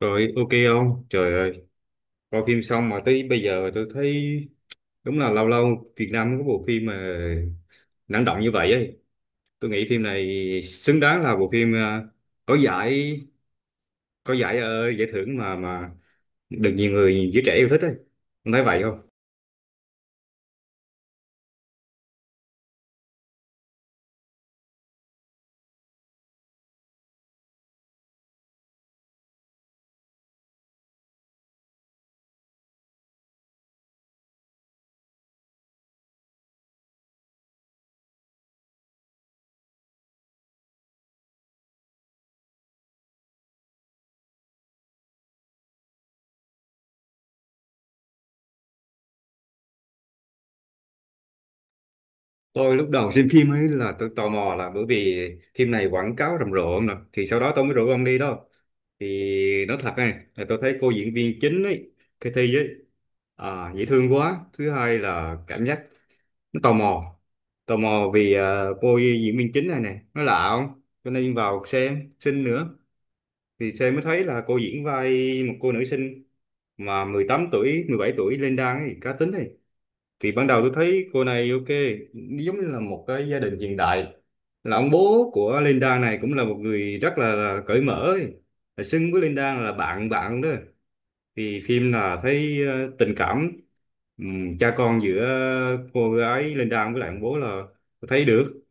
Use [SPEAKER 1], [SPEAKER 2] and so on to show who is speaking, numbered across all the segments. [SPEAKER 1] Rồi, ok không? Trời ơi, coi phim xong mà tới bây giờ tôi thấy đúng là lâu lâu Việt Nam có bộ phim mà năng động như vậy ấy. Tôi nghĩ phim này xứng đáng là bộ phim có giải giải thưởng mà được nhiều người giới trẻ yêu thích ấy. Ông thấy vậy không? Tôi lúc đầu xem phim ấy là tôi tò mò là bởi vì phim này quảng cáo rầm rộ ông nè, thì sau đó tôi mới rủ ông đi đó. Thì nói thật này, là tôi thấy cô diễn viên chính ấy, cái thi ấy. Dễ thương quá. Thứ hai là cảm giác nó tò mò, cô diễn viên chính này nè nó lạ không, cho nên vào xem xinh nữa thì xem mới thấy là cô diễn vai một cô nữ sinh mà 18 tuổi, 17 tuổi lên đang ấy cá tính ấy. Thì ban đầu tôi thấy cô này ok, giống như là một cái gia đình hiện đại, là ông bố của Linda này cũng là một người rất là cởi mở ấy. Là xưng với Linda là bạn bạn đó. Thì phim là thấy tình cảm, cha con giữa cô gái Linda với lại ông bố là thấy được.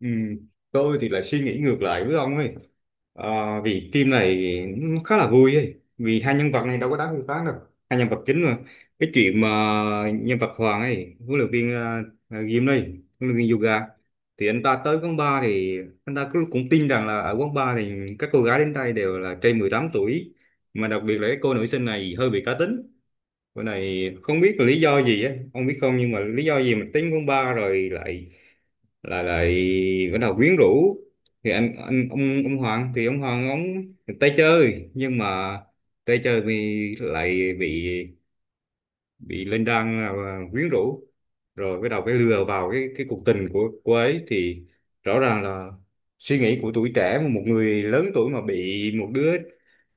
[SPEAKER 1] Ừm, Tôi thì lại suy nghĩ ngược lại với ông ấy. Ờ, Vì phim này nó khá là vui ấy. Vì hai nhân vật này đâu có đáng phê phán đâu. Hai nhân vật chính mà. Cái chuyện mà nhân vật Hoàng ấy, huấn luyện viên gym đây, huấn luyện viên yoga. Thì anh ta tới quán bar, thì anh ta cũng cũng tin rằng là ở quán bar thì các cô gái đến đây đều là trên 18 tuổi. Mà đặc biệt là cái cô nữ sinh này hơi bị cá tính. Bữa này không biết là lý do gì á, ông biết không, nhưng mà lý do gì mà tính con ba rồi lại lại lại bắt đầu quyến rũ. Thì anh ông Hoàng thì ông Hoàng ông tay chơi, nhưng mà tay chơi vì lại bị Linh Đan là quyến rũ, rồi bắt đầu cái lừa vào cái cuộc tình của cô ấy. Thì rõ ràng là suy nghĩ của tuổi trẻ mà một người lớn tuổi mà bị một đứa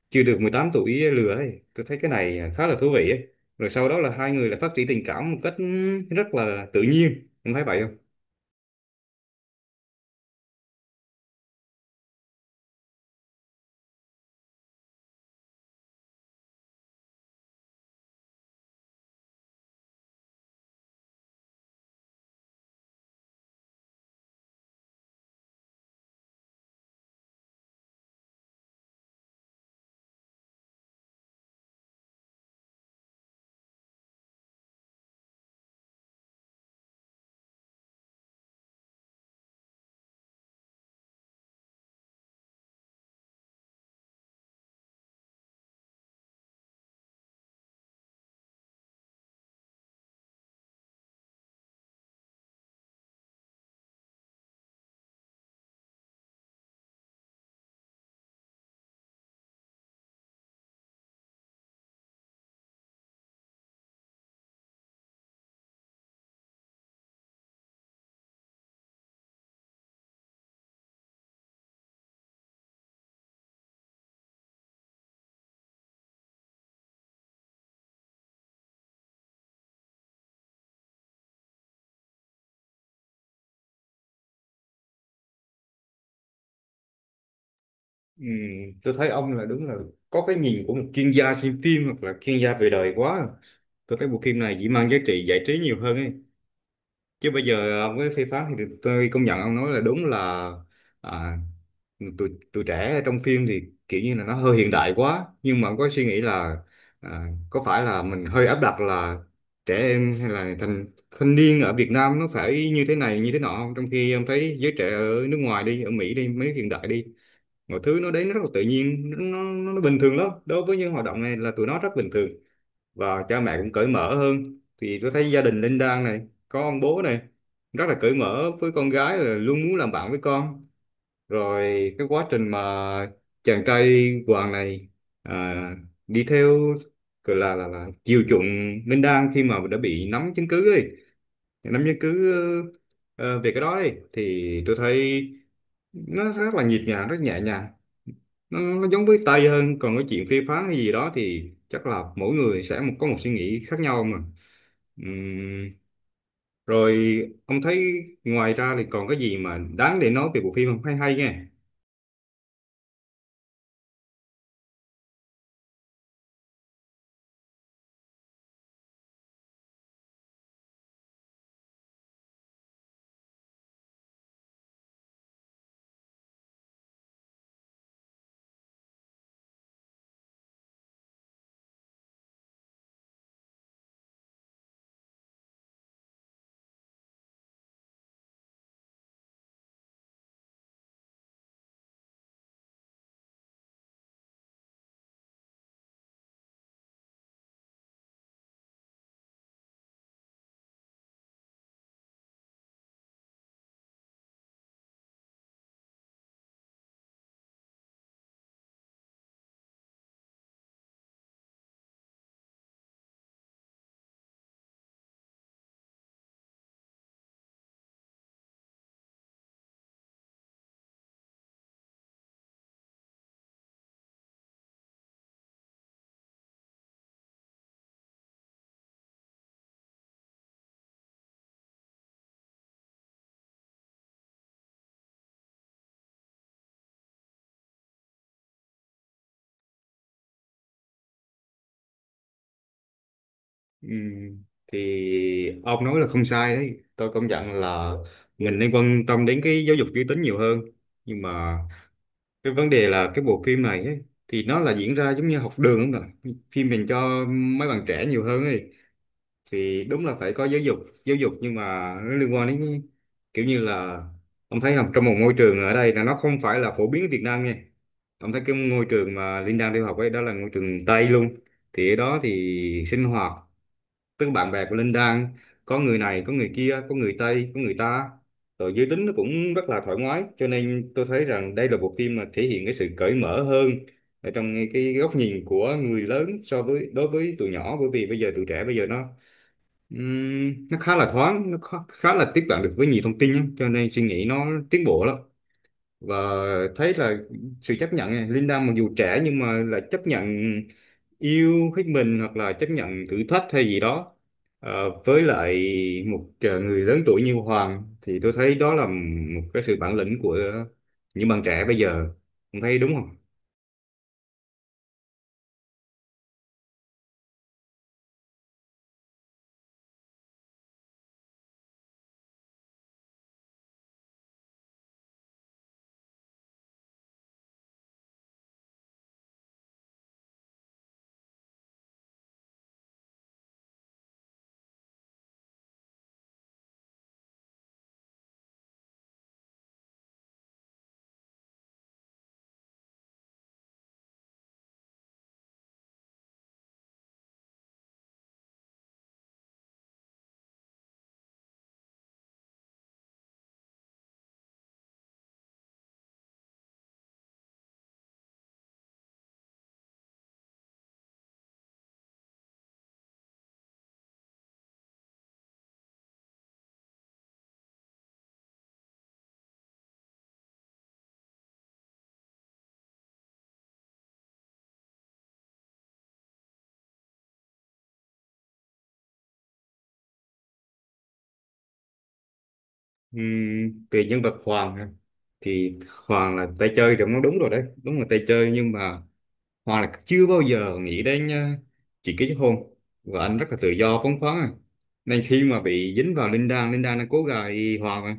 [SPEAKER 1] chưa được 18 tuổi lừa ấy. Tôi thấy cái này khá là thú vị ấy. Rồi sau đó là hai người lại phát triển tình cảm một cách rất là tự nhiên. Em thấy vậy không? Ừm, tôi thấy ông là đúng là có cái nhìn của một chuyên gia xem phim hoặc là chuyên gia về đời quá. Tôi thấy bộ phim này chỉ mang giá trị giải trí nhiều hơn ấy. Chứ bây giờ ông cái phê phán thì tôi công nhận ông nói là đúng là, à, tụi tụi trẻ trong phim thì kiểu như là nó hơi hiện đại quá. Nhưng mà ông có suy nghĩ là, có phải là mình hơi áp đặt là trẻ em hay là thanh thanh niên ở Việt Nam nó phải như thế này như thế nọ không, trong khi em thấy giới trẻ ở nước ngoài đi, ở Mỹ đi mấy hiện đại đi, mọi thứ nó đến nó rất là tự nhiên. Nó bình thường lắm, đối với những hoạt động này là tụi nó rất bình thường và cha mẹ cũng cởi mở hơn. Thì tôi thấy gia đình Linh Đan này có ông bố này rất là cởi mở với con gái, là luôn muốn làm bạn với con. Rồi cái quá trình mà chàng trai Hoàng này à, đi theo, gọi là là chiều chuộng Ninh Đan khi mà đã bị nắm chứng cứ ấy, nắm chứng cứ ờ, về cái đó ấy, thì tôi thấy nó rất là nhịp nhàng, rất nhẹ nhàng. Nó giống với Tây hơn. Còn cái chuyện phê phán hay gì đó thì chắc là mỗi người sẽ có một suy nghĩ khác nhau mà. Ừm, rồi Ông thấy ngoài ra thì còn cái gì mà đáng để nói về bộ phim không, hay hay nghe? Ừ, thì ông nói là không sai đấy. Tôi công nhận là mình nên quan tâm đến cái giáo dục giới tính nhiều hơn, nhưng mà cái vấn đề là cái bộ phim này ấy, thì nó là diễn ra giống như học đường không ạ, phim dành cho mấy bạn trẻ nhiều hơn ấy. Thì đúng là phải có giáo dục, nhưng mà nó liên quan đến kiểu như là, ông thấy không, trong một môi trường ở đây là nó không phải là phổ biến ở Việt Nam nha. Ông thấy cái ngôi trường mà Linh đang theo học ấy, đó là ngôi trường Tây luôn. Thì ở đó thì sinh hoạt, tức bạn bè của Linh Đan có người này có người kia, có người Tây có người ta, rồi giới tính nó cũng rất là thoải mái. Cho nên tôi thấy rằng đây là bộ phim mà thể hiện cái sự cởi mở hơn ở trong cái góc nhìn của người lớn so với đối với tụi nhỏ. Bởi vì bây giờ tụi trẻ bây giờ nó, nó khá là thoáng, nó khá là tiếp cận được với nhiều thông tin á, cho nên suy nghĩ nó tiến bộ lắm. Và thấy là sự chấp nhận này, Linda mặc dù trẻ nhưng mà là chấp nhận yêu thích mình, hoặc là chấp nhận thử thách hay gì đó. Ờ, với lại người lớn tuổi như Hoàng, thì tôi thấy đó là một cái sự bản lĩnh của những bạn trẻ bây giờ. Ông thấy đúng không? Về nhân vật Hoàng ha, thì Hoàng là tay chơi thì nó đúng rồi đấy, đúng là tay chơi, nhưng mà Hoa là chưa bao giờ nghĩ đến chuyện kết hôn và anh rất là tự do phóng khoáng à. Nên khi mà bị dính vào Linh Đan, Linh Đan nó cố gài Hoa mà.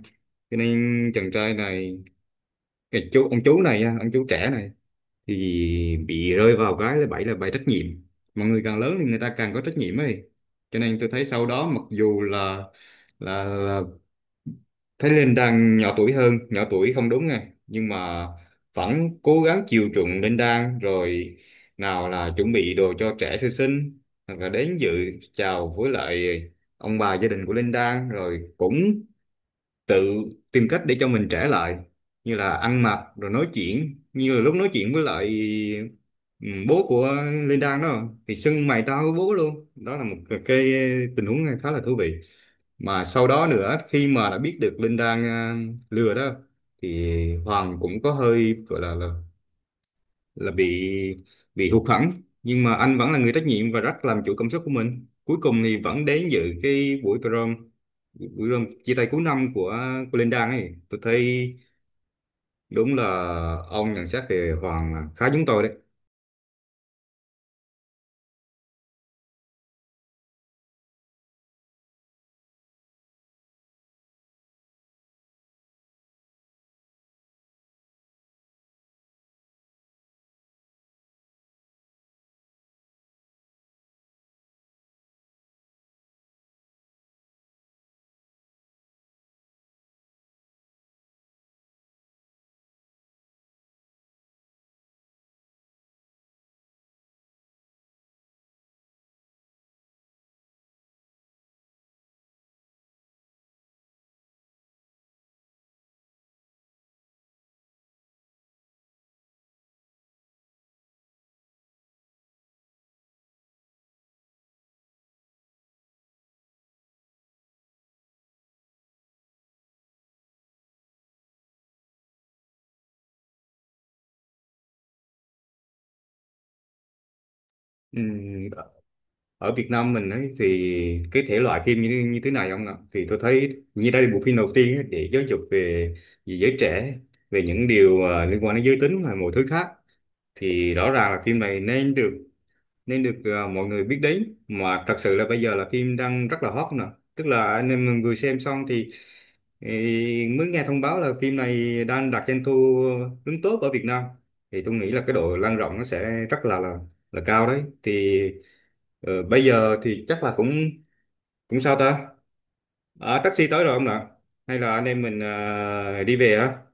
[SPEAKER 1] Cho nên chàng trai này, cái chú ông chú này, á, ông chú trẻ này thì bị rơi vào cái là bẫy, bẫy trách nhiệm. Mọi người càng lớn thì người ta càng có trách nhiệm ấy. Cho nên tôi thấy sau đó mặc dù là Thái Linh đang nhỏ tuổi hơn, nhỏ tuổi không đúng này, nhưng mà vẫn cố gắng chiều chuộng Linh Đan, rồi nào là chuẩn bị đồ cho trẻ sơ sinh, hoặc là đến dự chào với lại ông bà gia đình của Linh Đan, rồi cũng tự tìm cách để cho mình trẻ lại, như là ăn mặc rồi nói chuyện, như là lúc nói chuyện với lại ừ, bố của Linh Đan đó thì xưng mày tao với bố luôn, đó là một cái tình huống khá là thú vị. Mà sau đó nữa, khi mà đã biết được Linh đang lừa đó, thì Hoàng cũng có hơi gọi là bị, hụt hẫng, nhưng mà anh vẫn là người trách nhiệm và rất làm chủ cảm xúc của mình. Cuối cùng thì vẫn đến dự cái buổi prom chia tay cuối năm của Linh Đan ấy. Tôi thấy đúng là ông nhận xét về Hoàng là khá giống tôi đấy. Ừm, Ở Việt Nam mình ấy, thì cái thể loại phim như như thế này ông ạ, thì tôi thấy như đây là bộ phim đầu tiên ấy, để giáo dục về giới trẻ, về những điều liên quan đến giới tính và mọi thứ khác. Thì rõ ràng là phim này nên được mọi người biết đến. Mà thật sự là bây giờ là phim đang rất là hot nè, tức là anh em mình vừa xem xong thì ý, mới nghe thông báo là phim này đang đạt doanh thu đứng top ở Việt Nam. Thì tôi nghĩ là cái độ lan rộng nó sẽ rất là cao đấy. Thì bây giờ thì chắc là cũng cũng sao ta, taxi tới rồi không ạ, hay là anh em mình đi về á?